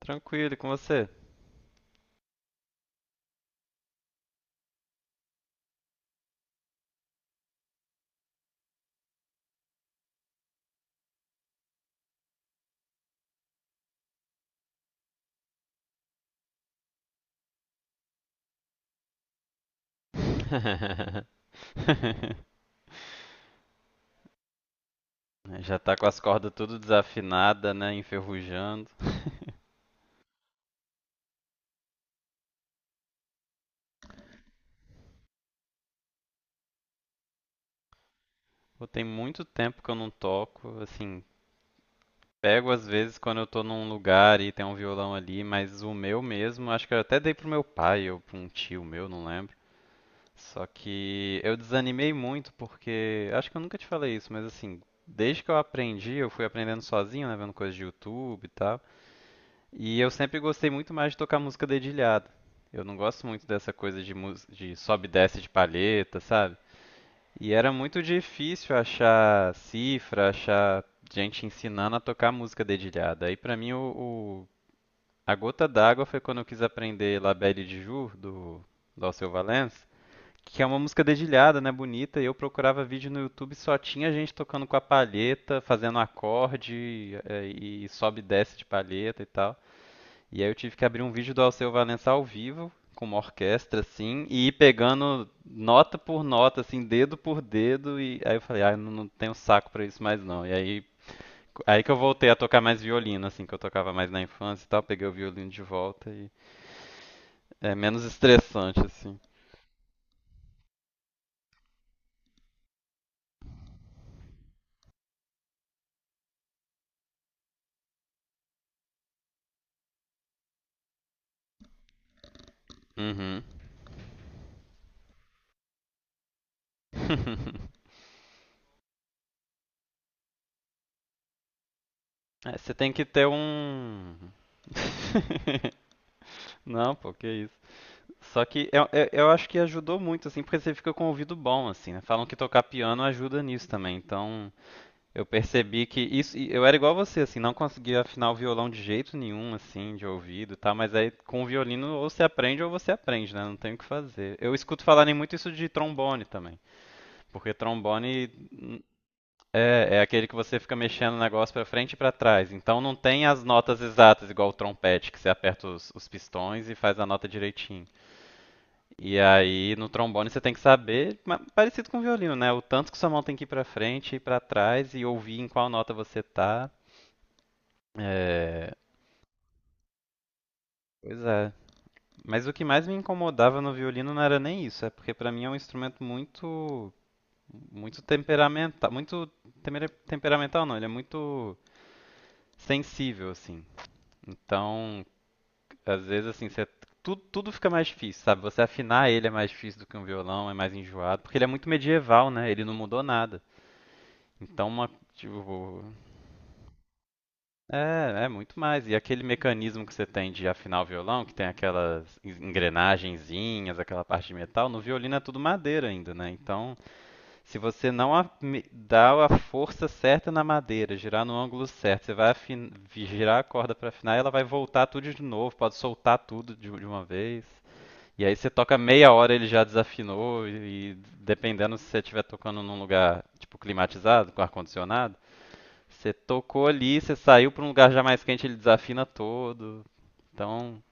Tranquilo, e com você? Já tá com as cordas tudo desafinada, né? Enferrujando. Pô, tem muito tempo que eu não toco, assim, pego às vezes quando eu tô num lugar e tem um violão ali, mas o meu mesmo, acho que eu até dei pro meu pai ou pra um tio meu, não lembro. Só que eu desanimei muito porque, acho que eu nunca te falei isso, mas assim, desde que eu aprendi, eu fui aprendendo sozinho, né, vendo coisas de YouTube e tal. E eu sempre gostei muito mais de tocar música dedilhada. Eu não gosto muito dessa coisa de, de sobe e desce de palheta, sabe? E era muito difícil achar cifra, achar gente ensinando a tocar música dedilhada. Aí pra mim a gota d'água foi quando eu quis aprender La Belle de Jour, do Alceu Valença, que é uma música dedilhada, né, bonita, e eu procurava vídeo no YouTube e só tinha gente tocando com a palheta, fazendo acorde, e sobe e desce de palheta e tal. E aí eu tive que abrir um vídeo do Alceu Valença ao vivo, com uma orquestra, assim, e ir pegando nota por nota, assim, dedo por dedo, e aí eu falei, ah, eu não, não tenho saco pra isso mais não. E aí, aí que eu voltei a tocar mais violino, assim, que eu tocava mais na infância e tal, peguei o violino de volta e é menos estressante, assim. Uhum. É, você tem que ter um. Não, pô, que isso. Só que eu acho que ajudou muito, assim, porque você fica com o ouvido bom, assim, né? Falam que tocar piano ajuda nisso também. Então, eu percebi que isso. E eu era igual você, assim, não conseguia afinar o violão de jeito nenhum, assim, de ouvido e tal. Mas aí com o violino ou você aprende, né? Não tem o que fazer. Eu escuto falarem muito isso de trombone também. Porque trombone hum, é aquele que você fica mexendo o negócio pra frente e pra trás. Então não tem as notas exatas, igual o trompete, que você aperta os pistões e faz a nota direitinho. E aí no trombone você tem que saber, parecido com o violino, né? O tanto que sua mão tem que ir pra frente e pra trás e ouvir em qual nota você tá. É, pois é. Mas o que mais me incomodava no violino não era nem isso, é porque pra mim é um instrumento muito temperamental, muito temperamental não, ele é muito sensível assim. Então, às vezes assim, você tudo fica mais difícil, sabe? Você afinar ele é mais difícil do que um violão, é mais enjoado, porque ele é muito medieval, né? Ele não mudou nada. Então, uma, tipo, é, é muito mais. E aquele mecanismo que você tem de afinar o violão, que tem aquelas engrenagenzinhas, aquela parte de metal, no violino é tudo madeira ainda, né? Então, se você não dá a força certa na madeira, girar no ângulo certo, você vai girar a corda para afinar, e ela vai voltar tudo de novo, pode soltar tudo de uma vez. E aí você toca meia hora ele já desafinou e dependendo se você estiver tocando num lugar tipo climatizado, com ar condicionado, você tocou ali, você saiu pra um lugar já mais quente, ele desafina todo. Então,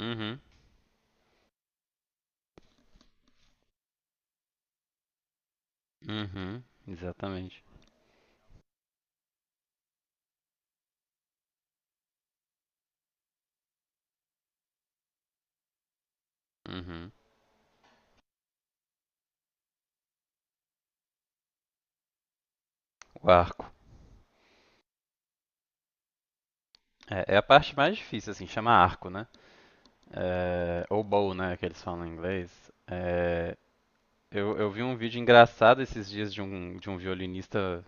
uhum, uhum, exatamente. Uhum. O arco. É, é a parte mais difícil, assim, chama arco, né? É, ou bow, né, que eles falam em inglês. É, eu vi um vídeo engraçado esses dias de um violinista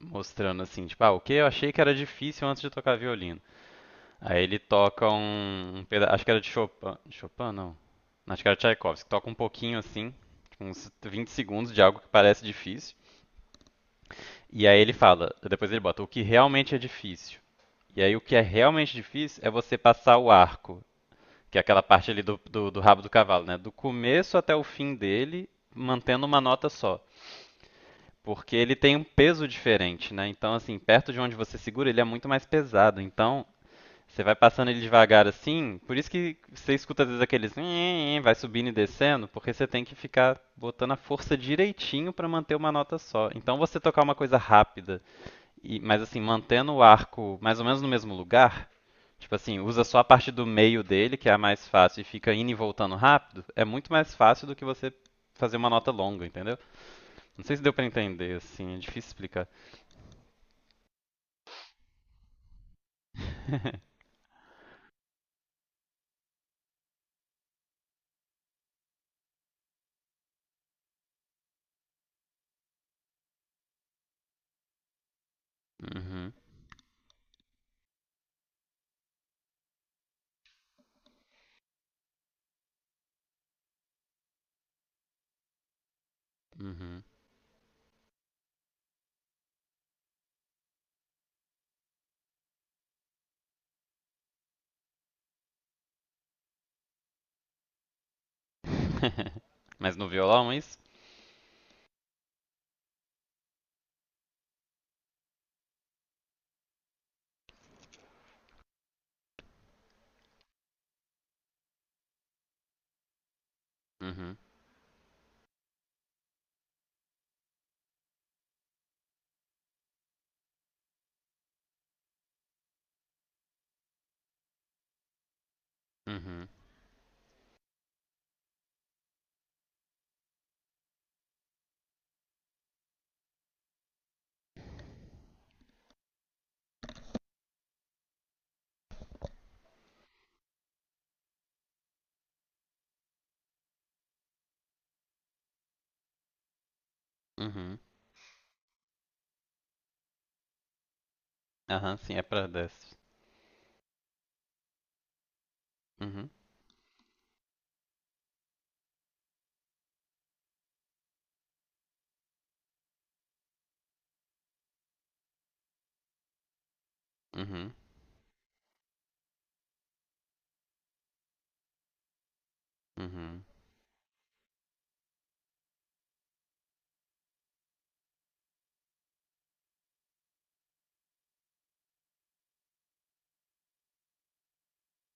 mostrando assim, tipo, ah, o que eu achei que era difícil antes de tocar violino. Aí ele toca um acho que era de Chopin, Chopin não. Acho que era Tchaikovsky, toca um pouquinho assim, tipo, uns 20 segundos de algo que parece difícil. E aí ele fala, depois ele bota o que realmente é difícil. E aí o que é realmente difícil é você passar o arco, que é aquela parte ali do rabo do cavalo, né? Do começo até o fim dele, mantendo uma nota só. Porque ele tem um peso diferente, né? Então, assim, perto de onde você segura, ele é muito mais pesado. Então, você vai passando ele devagar assim, por isso que você escuta às vezes aqueles "nhe-nhe-nhe", vai subindo e descendo, porque você tem que ficar botando a força direitinho para manter uma nota só. Então você tocar uma coisa rápida, mas assim, mantendo o arco mais ou menos no mesmo lugar, tipo assim, usa só a parte do meio dele, que é a mais fácil, e fica indo e voltando rápido, é muito mais fácil do que você fazer uma nota longa, entendeu? Não sei se deu para entender, assim, é difícil explicar. Uhum, uhum. Mas no violão, é isso? Uhum, uhum, uhum. Aham, sim, é pra desks. Uhum, uhum, uhum,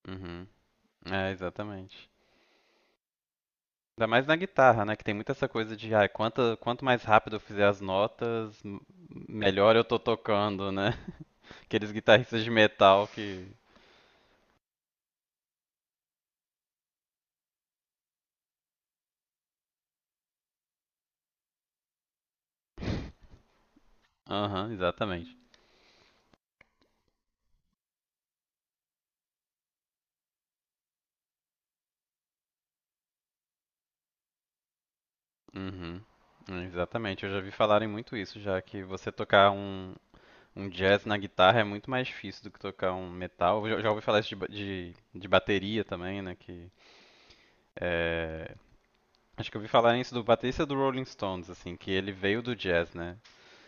uhum. É, exatamente. Ainda mais na guitarra, né? Que tem muito essa coisa de, ah, quanto mais rápido eu fizer as notas, melhor eu tô tocando, né? Aqueles guitarristas de metal que. Aham, exatamente. Uhum. Exatamente, eu já vi falarem muito isso, já que um jazz na guitarra é muito mais difícil do que tocar um metal. Já ouvi falar isso de bateria também, né? Que, é, acho que eu ouvi falar isso do baterista do Rolling Stones, assim, que ele veio do jazz, né?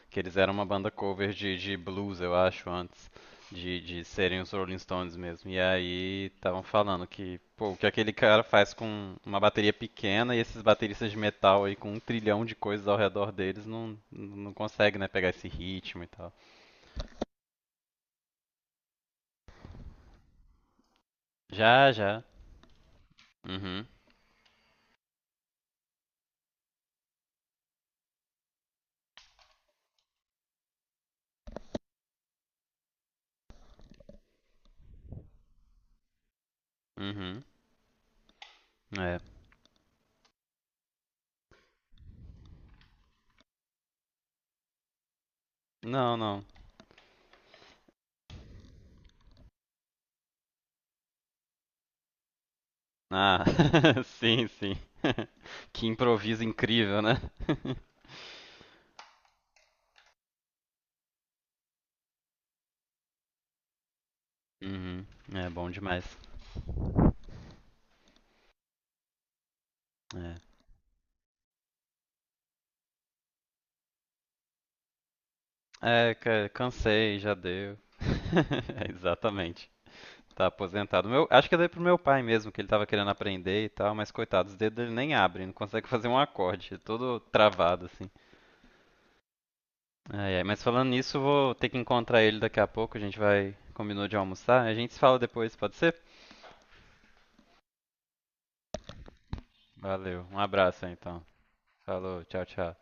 Que eles eram uma banda cover de blues, eu acho, antes de serem os Rolling Stones mesmo. E aí estavam falando que, pô, o que aquele cara faz com uma bateria pequena e esses bateristas de metal aí com um trilhão de coisas ao redor deles não, não consegue, né, pegar esse ritmo e tal. Já, já. Uhum. Uhum. É. Não, não. Ah, sim, sim. Que improviso incrível, né? Uhum. Mas, é. É, cansei, já deu. É, exatamente. Tá aposentado. Meu, acho que eu dei pro meu pai mesmo, que ele tava querendo aprender e tal, mas coitado, os dedos dele nem abrem, não consegue fazer um acorde, é todo travado assim. Ai, ai, mas falando nisso, eu vou ter que encontrar ele daqui a pouco, a gente vai, combinou de almoçar, a gente se fala depois, pode ser? Valeu, um abraço então. Falou, tchau, tchau.